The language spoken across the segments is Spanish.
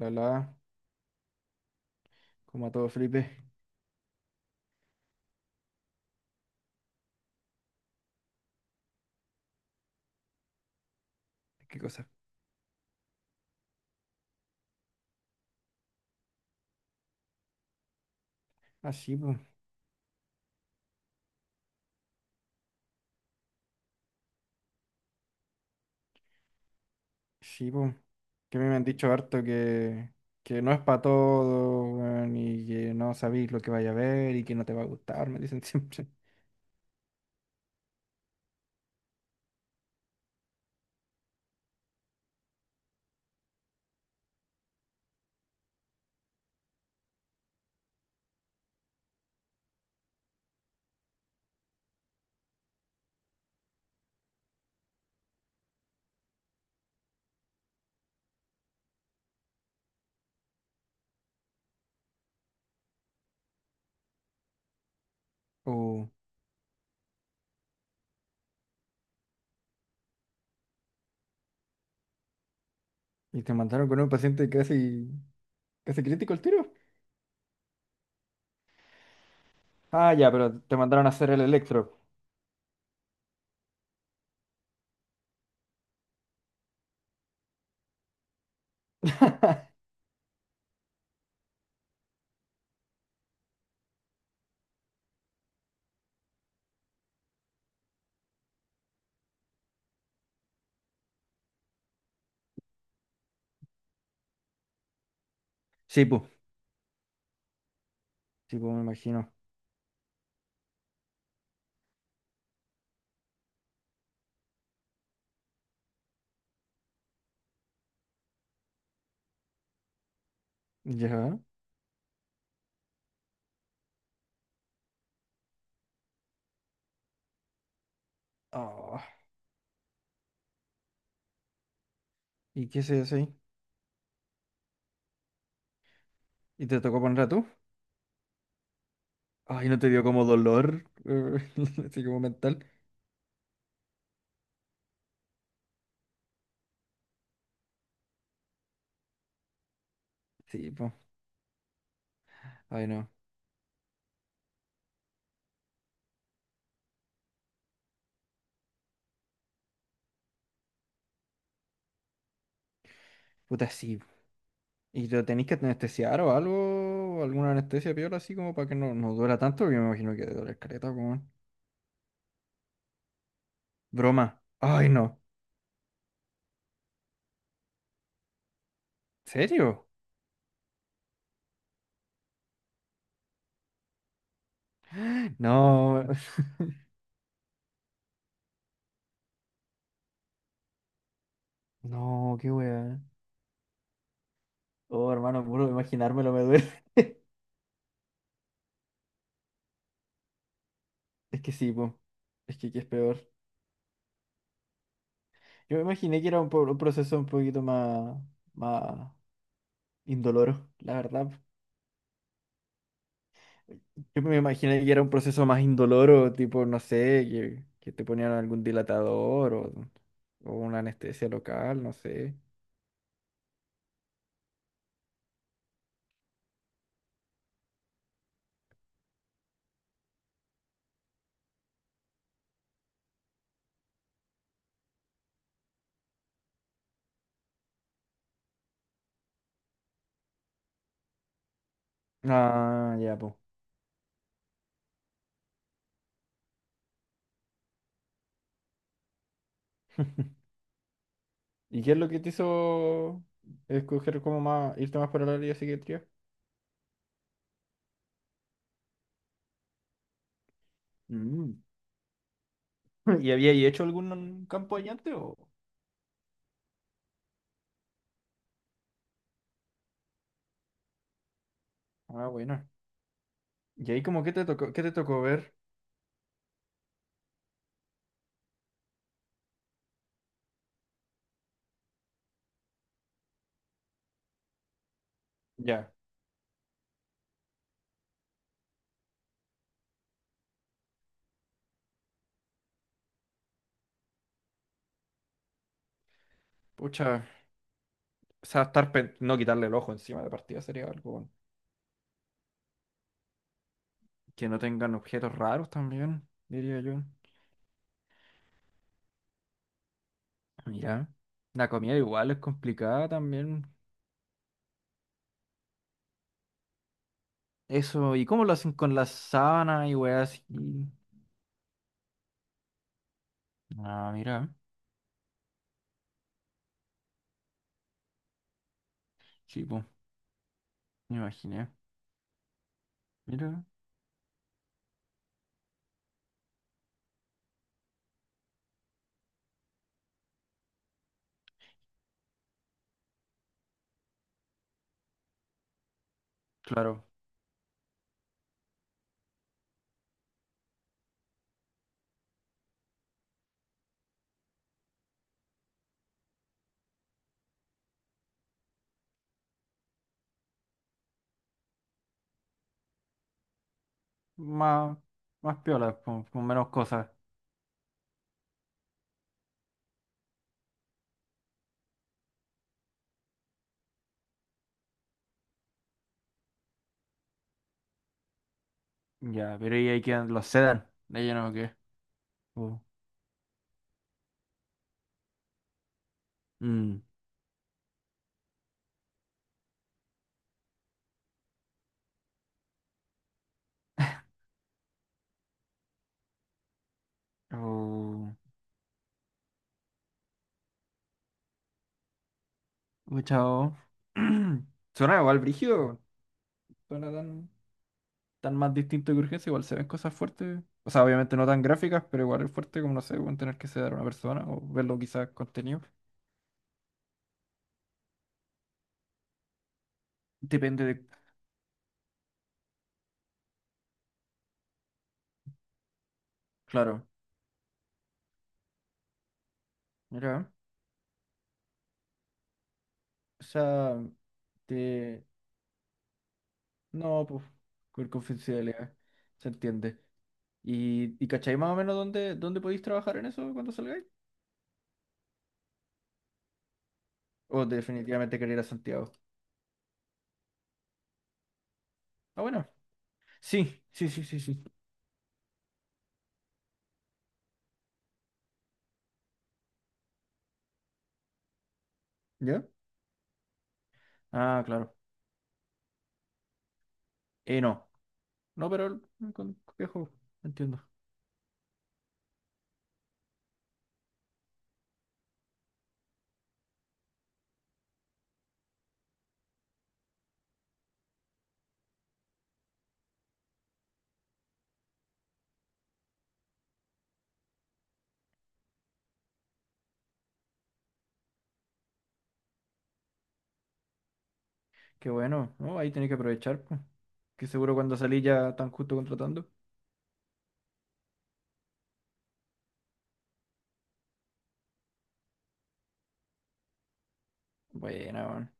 La la, como a todo Felipe. ¿Qué cosa? Ah, sí, pues, sí, pues. Que a mí me han dicho harto que no es para todo, weón, y que no sabéis lo que vaya a ver y que no te va a gustar, me dicen siempre. Oh, y te mandaron con un paciente casi crítico el tiro. Ah, ya, pero te mandaron a hacer el electro. Sí, pues. Sí, pues, me imagino. Ya. Oh, ¿y qué se hace ahí? ¿Y te tocó poner a tú? Ay, ¿no te dio como dolor? Así como mental. Sí, pues. Ay, no. Puta, sí. ¿Y lo tenéis que anestesiar o algo? ¿Alguna anestesia piola así como para que no duela tanto? Yo me imagino que duele doler caleta, weón. Broma. Ay, no. ¿Serio? No, no, qué weá. Oh, hermano, puro imaginármelo me duele. Es que sí, po. Que es peor. Yo me imaginé que era un, po- un proceso un poquito más, más indoloro, la verdad. Yo me imaginé que era un proceso más indoloro, tipo, no sé, que te ponían algún dilatador o una anestesia local, no sé. Ah, ya, pues. ¿Y qué es lo que te hizo escoger como más, irte más por el área de psiquiatría? Mm. ¿Y había hecho algún campo allá antes o? Ah, bueno. ¿Y ahí como qué te tocó ver? Ya. Pucha, o sea, estar pen- no quitarle el ojo encima de partida sería algo. Bueno. Que no tengan objetos raros también, diría yo. Mira, la comida igual es complicada también. Eso, ¿y cómo lo hacen con las sábanas y weas así? Ah, mira, sí, pues, me imaginé. Mira, claro, más, más piolas, con menos cosas. Ya, pero y ahí quedan los sedan, de lleno o qué. Oh, mm, oh, oh, chao. Suena igual brígido, suena tan, tan más distinto que urgencia, igual se ven cosas fuertes. O sea, obviamente no tan gráficas, pero igual es fuerte como, no sé, pueden tener que sedar a una persona o verlo quizás contenido. Depende de... Claro, mira, o sea, de... No, pues, con confidencialidad, se entiende. ¿Y cacháis más o menos dónde, dónde podéis trabajar en eso cuando salgáis? ¿O definitivamente queréis ir a Santiago? Ah, bueno. Sí, sí, sí, sí, sí. ¿Ya? Ah, claro. No. No, pero el- con viejo, entiendo. Qué bueno, ¿no? Ahí tenés que aprovechar, pues. Que seguro cuando salís ya tan justo contratando. Buena, weón.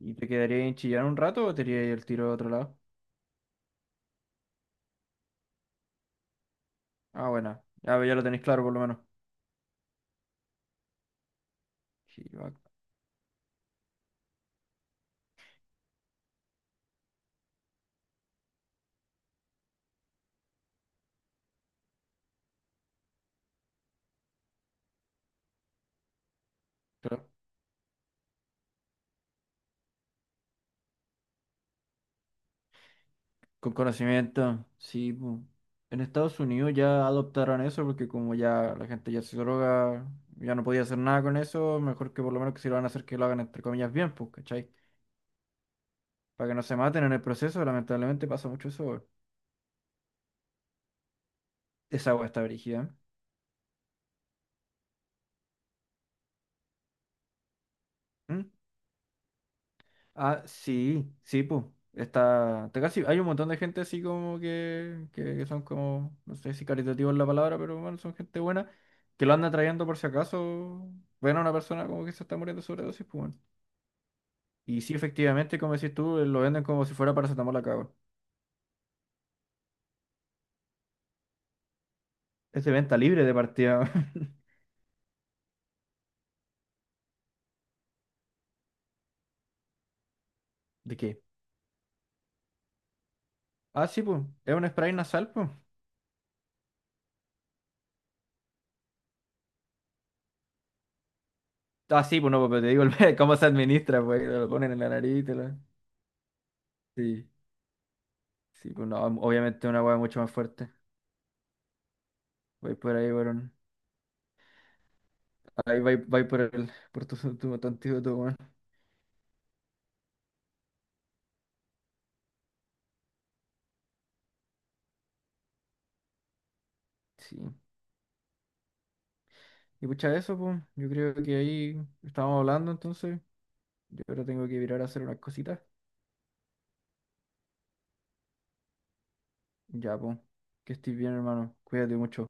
¿Y te quedaría en Chillán un rato o te irías el tiro a otro lado? Ah, buena, ya, pues ya lo tenéis claro por lo menos. Sí, va, claro. Con conocimiento, sí, pues. En Estados Unidos ya adoptaron eso porque como ya la gente ya se droga, ya no podía hacer nada con eso, mejor que por lo menos que si lo van a hacer que lo hagan entre comillas bien, pues, ¿cachai? Para que no se maten en el proceso, lamentablemente pasa mucho eso, weón. Esa agua está brígida. ¿Eh? ¿Mm? Ah, sí, sí, pues. Está, te casi, hay un montón de gente así como que son como, no sé si caritativos es la palabra, pero bueno, son gente buena, que lo andan trayendo por si acaso ven a una persona como que se está muriendo de sobredosis, pues bueno. Y sí, efectivamente, como decís tú, lo venden como si fuera paracetamol acá, weón. Es de venta libre de partida. Weón. ¿De qué? Ah, sí, pues. Es un spray nasal, pues. Ah, sí, pues no, pues pero te digo el- cómo se administra, pues. Te lo ponen en la nariz, y te lo... Sí, sí, pues no, obviamente una hueá mucho más fuerte. Voy por ahí, weón. Ahí va, va por el, por tu, tu antídoto, weón. Sí. Y pucha, eso, pues, yo creo que ahí estábamos hablando, entonces. Yo ahora tengo que virar a hacer unas cositas. Ya, pues, que estés bien, hermano. Cuídate mucho.